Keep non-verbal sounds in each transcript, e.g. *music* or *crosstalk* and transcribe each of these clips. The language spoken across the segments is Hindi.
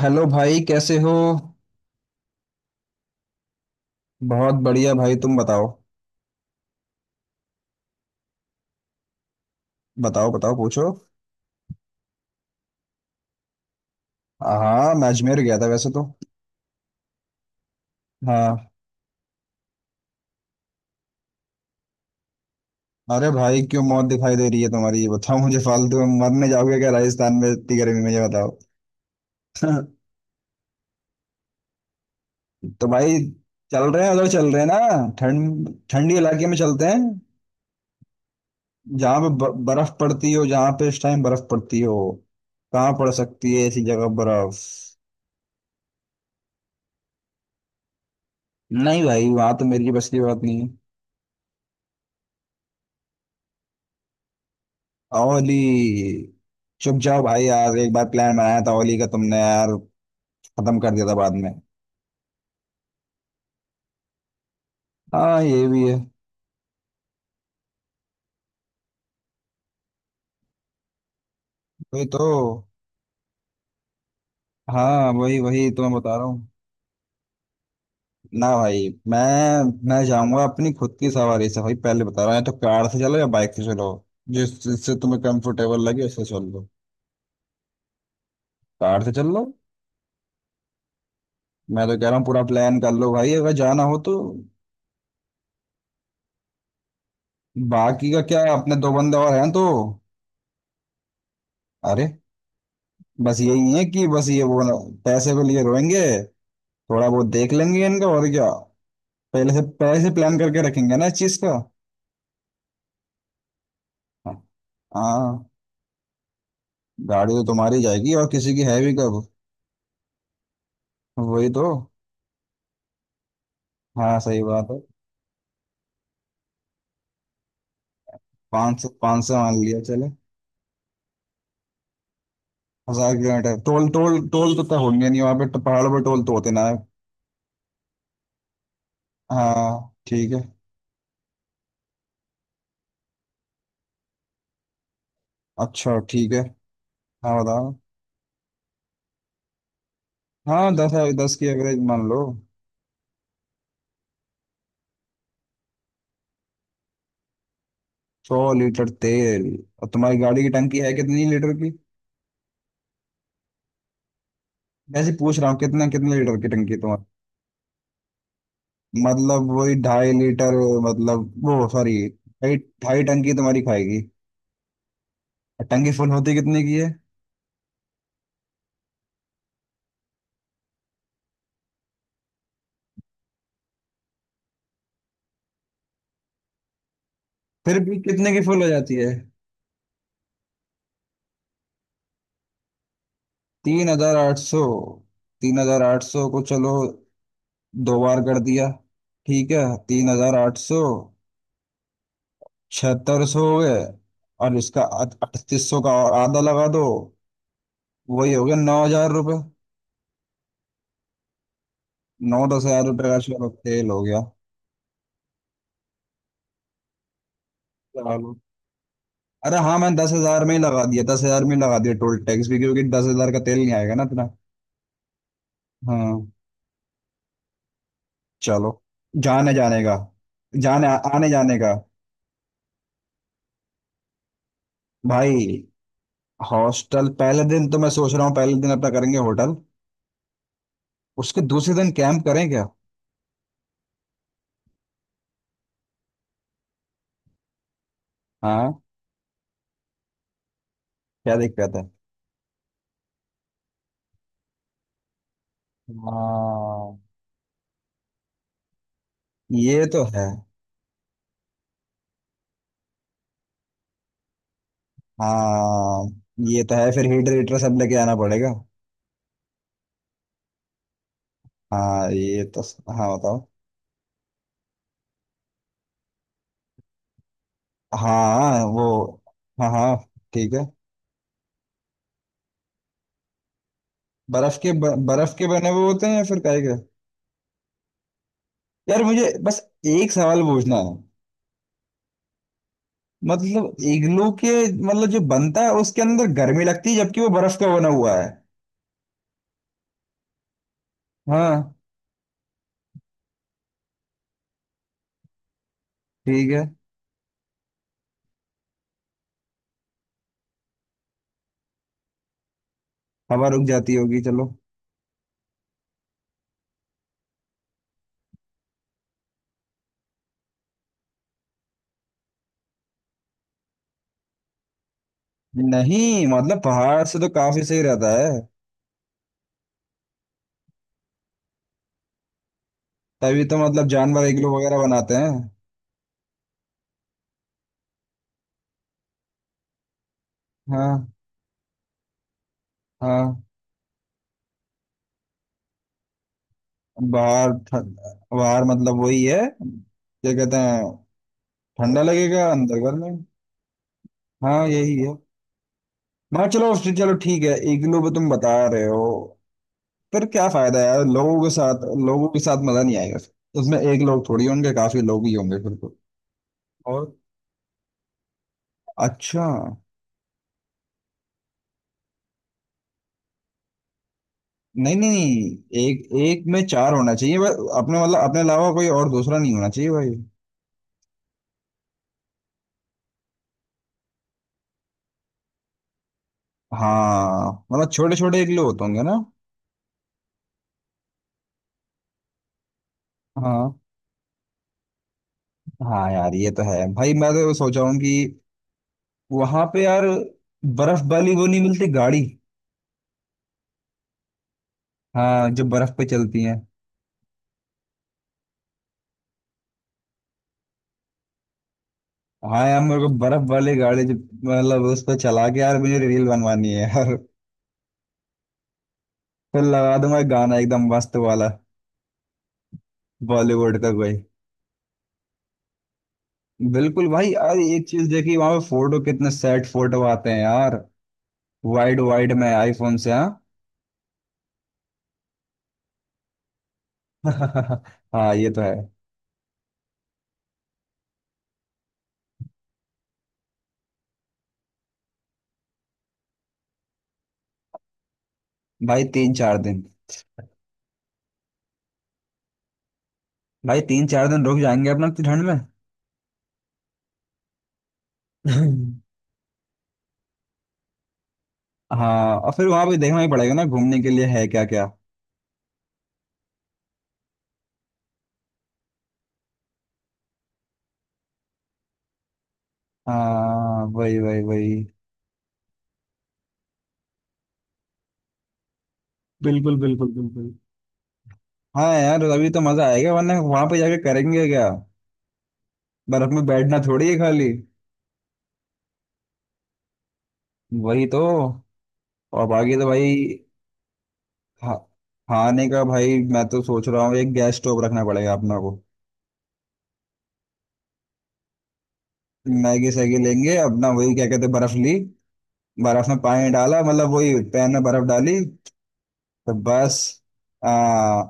हेलो भाई, कैसे हो। बहुत बढ़िया भाई, तुम बताओ। बताओ बताओ, पूछो। हाँ, मैं अजमेर गया था वैसे तो। हाँ। अरे भाई क्यों, मौत दिखाई दे रही है तुम्हारी? ये बताओ मुझे, फालतू में मरने जाओगे क्या राजस्थान में इतनी गर्मी में? ये बताओ। *laughs* तो भाई चल रहे हैं, उधर चल रहे हैं ना। ठंड ठंडी इलाके में चलते हैं। जहाँ पे बर्फ पड़ती हो, जहाँ पे इस टाइम बर्फ पड़ती हो। कहाँ पड़ सकती है ऐसी जगह बर्फ? नहीं भाई, वहां तो मेरी बस की बात नहीं। ओली। चुप जाओ भाई यार, एक बार प्लान बनाया था ओली का तुमने यार। खत्म कर दिया था बाद में। हाँ ये भी है। वही तो। हाँ वही वही तो मैं बता रहा हूँ। ना भाई। मैं जाऊंगा अपनी खुद की सवारी से भाई, पहले बता रहा हूँ। या तो कार से चलो या बाइक से चलो। जिससे तुम्हें कंफर्टेबल लगे, उससे चल लो। कार से चल लो। मैं तो कह रहा हूँ पूरा प्लान कर लो भाई, अगर जाना हो तो। बाकी का क्या? अपने दो बंदे और हैं तो। अरे बस यही है कि बस पैसे के लिए रोएंगे। थोड़ा बहुत देख लेंगे इनका, और क्या। पहले से प्लान करके रखेंगे ना इस चीज का। हाँ। गाड़ी तो तुम्हारी जाएगी, और किसी की है भी कब। वही तो। हाँ सही बात है। 500, 500 मान लिया चले। 1000 किलोमीटर। टोल टोल टोल तो तय होंगे नहीं वहाँ पे तो, पहाड़ों पे टोल तो होते ना है। हाँ ठीक है। अच्छा ठीक है। हाँ बताओ। हाँ दस है, 10 की एवरेज मान लो। 100 लीटर तेल। और तुम्हारी गाड़ी की टंकी है कितनी लीटर की? ऐसे पूछ रहा हूँ, कितना कितने लीटर की टंकी है। मतलब वही 2.5 लीटर। मतलब वो सॉरी ढाई। ढाई टन की तुम्हारी खाएगी। और टंकी फुल होती कितने की है? फिर भी कितने की फुल हो जाती है? 3800। 3800 को चलो। दो बार कर दिया, ठीक है। 3800। 7600 हो गए। और इसका 3800 का और आधा लगा दो। वही हो गया 9000 रुपये। 9-10 हजार रुपये का, चलो तेल हो गया। चलो। अरे हाँ, मैं 10,000 में ही लगा दिया, 10,000 में ही लगा दिया टोल टैक्स भी, क्योंकि 10,000 का तेल नहीं आएगा ना इतना। हाँ। चलो। जाने जाने का जाने आने जाने का। भाई, हॉस्टल पहले दिन तो मैं सोच रहा हूँ, पहले दिन अपना करेंगे होटल। उसके दूसरे दिन कैंप करें क्या? हाँ। क्या दिक्कत है? हाँ ये तो है। हाँ ये तो है। फिर हीटर हीटर सब लेके आना पड़ेगा। हाँ ये तो। हाँ बताओ। हाँ वो। हाँ हाँ। ठीक है। बर्फ के बने हुए होते हैं या फिर काहे के? यार मुझे बस एक सवाल पूछना है। मतलब इग्लू के, मतलब जो बनता है उसके अंदर गर्मी लगती है जबकि वो बर्फ का बना हुआ है। हाँ। ठीक है। हवा रुक जाती होगी, चलो। नहीं मतलब पहाड़ से तो काफी सही रहता है। तभी तो मतलब जानवर इग्लू वगैरह बनाते हैं। हाँ। हाँ। बाहर ठंड- बाहर मतलब वही है, क्या कहते हैं। ठंडा लगेगा, अंदर गर्मी। हाँ यही है। मैं चलो। चलो ठीक है, इग्लू पे तुम बता रहे हो। फिर क्या फायदा यार, लोगों के साथ मजा नहीं आएगा फिर उसमें। एक लोग थोड़ी होंगे, काफी लोग ही होंगे फिर तो। और। अच्छा। नहीं नहीं नहीं, एक एक में चार होना चाहिए बस अपने, मतलब अपने अलावा कोई और दूसरा नहीं होना चाहिए भाई। हाँ मतलब छोटे छोटे, एक लोग होते होंगे ना। हाँ। हाँ यार ये तो है भाई, मैं तो सोचा हूँ कि वहां पे यार, बर्फ वाली वो नहीं मिलती गाड़ी? हाँ, जो बर्फ पे चलती है। हाँ यार मेरे को बर्फ वाली गाड़ी जो, मतलब उस पर चला के यार मुझे रील बनवानी है यार। फिर लगा दूंगा एक गाना एकदम मस्त वाला, बॉलीवुड का कोई। बिल्कुल भाई यार, एक चीज देखी वहां पे, फोटो कितने सेट फोटो आते हैं यार। वाइड वाइड में आईफोन से, हाँ। *laughs* हाँ ये तो है। भाई 3-4 दिन। भाई तीन चार दिन रुक जाएंगे अपना इतनी ठंड में। *laughs* हाँ और फिर वहां पे देखना ही पड़ेगा ना, घूमने के लिए है क्या क्या। हाँ वही वही वही। बिल्कुल बिल्कुल बिल्कुल। हाँ यार, अभी तो मजा आएगा, वरना वहां पे जाके करेंगे क्या। बर्फ में बैठना थोड़ी है खाली। वही तो। और बाकी तो भाई। खा- खाने का भाई, मैं तो सोच रहा हूँ एक गैस स्टोव रखना पड़ेगा अपना को। मैगी सैगी लेंगे अपना, वही क्या कहते हैं, बर्फ ली। बर्फ में पानी डाला, मतलब वही पैन में बर्फ डाली। तो बस आ,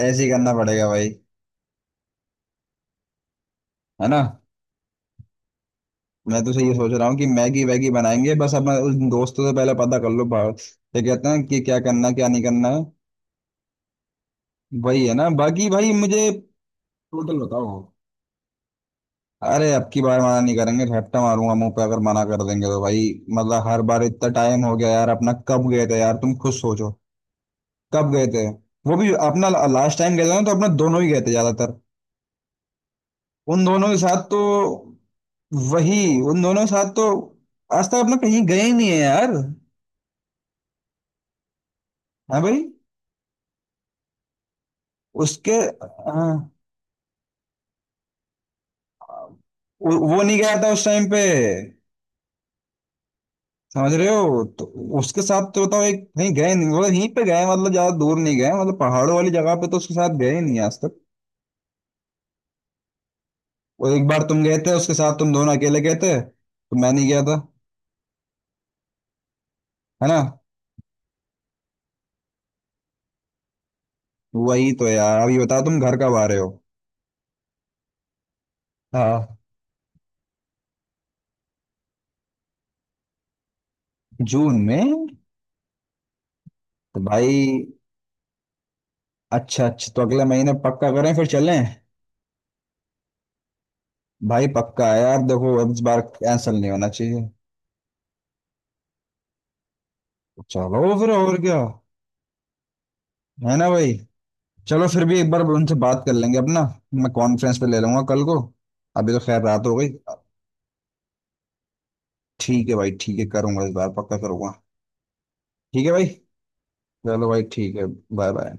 ऐसे ही करना पड़ेगा भाई, है ना। मैं तो सही ये सोच रहा हूँ कि मैगी वैगी बनाएंगे बस अपना, उस दोस्तों से पहले पता कर लो बाहर, ये कहते हैं कि क्या करना क्या नहीं करना है। वही है ना। बाकी भाई मुझे, टोटल बताओ। अरे अब की बार मना नहीं करेंगे, झपटा मारूंगा मुंह पे अगर मना कर देंगे तो भाई। मतलब हर बार इतना टाइम हो गया यार, अपना कब गए थे यार तुम खुद सोचो। कब गए थे? वो भी अपना लास्ट टाइम गए थे ना, तो अपना दोनों ही गए थे ज्यादातर उन दोनों के साथ तो। वही। उन दोनों के साथ तो आज तक अपना कहीं गए ही नहीं है यार। हाँ भाई। उसके, हाँ। वो नहीं गया था उस टाइम पे, समझ रहे हो तो। उसके साथ तो बताओ एक कहीं गए नहीं, मतलब यहीं पे गए, मतलब ज्यादा दूर नहीं गए, मतलब पहाड़ों वाली जगह पे तो उसके साथ गए ही नहीं आज तक। वो एक बार तुम गए थे उसके साथ, तुम दोनों अकेले गए थे तो मैं नहीं गया था। है ना। वही तो यार। अब ये बताओ तुम घर कब आ रहे हो? हाँ। जून में? तो भाई अच्छा अच्छा, तो अगले महीने पक्का करें, फिर चलें। भाई पक्का है यार, देखो अब इस बार कैंसिल नहीं होना चाहिए। चलो फिर, और क्या। है ना भाई। चलो फिर भी एक बार उनसे बात कर लेंगे अपना। मैं कॉन्फ्रेंस पे ले लूंगा कल को। अभी तो खैर रात हो गई। ठीक है भाई, ठीक है, करूंगा इस बार पक्का करूंगा। ठीक है भाई। चलो भाई, ठीक है। Bye bye.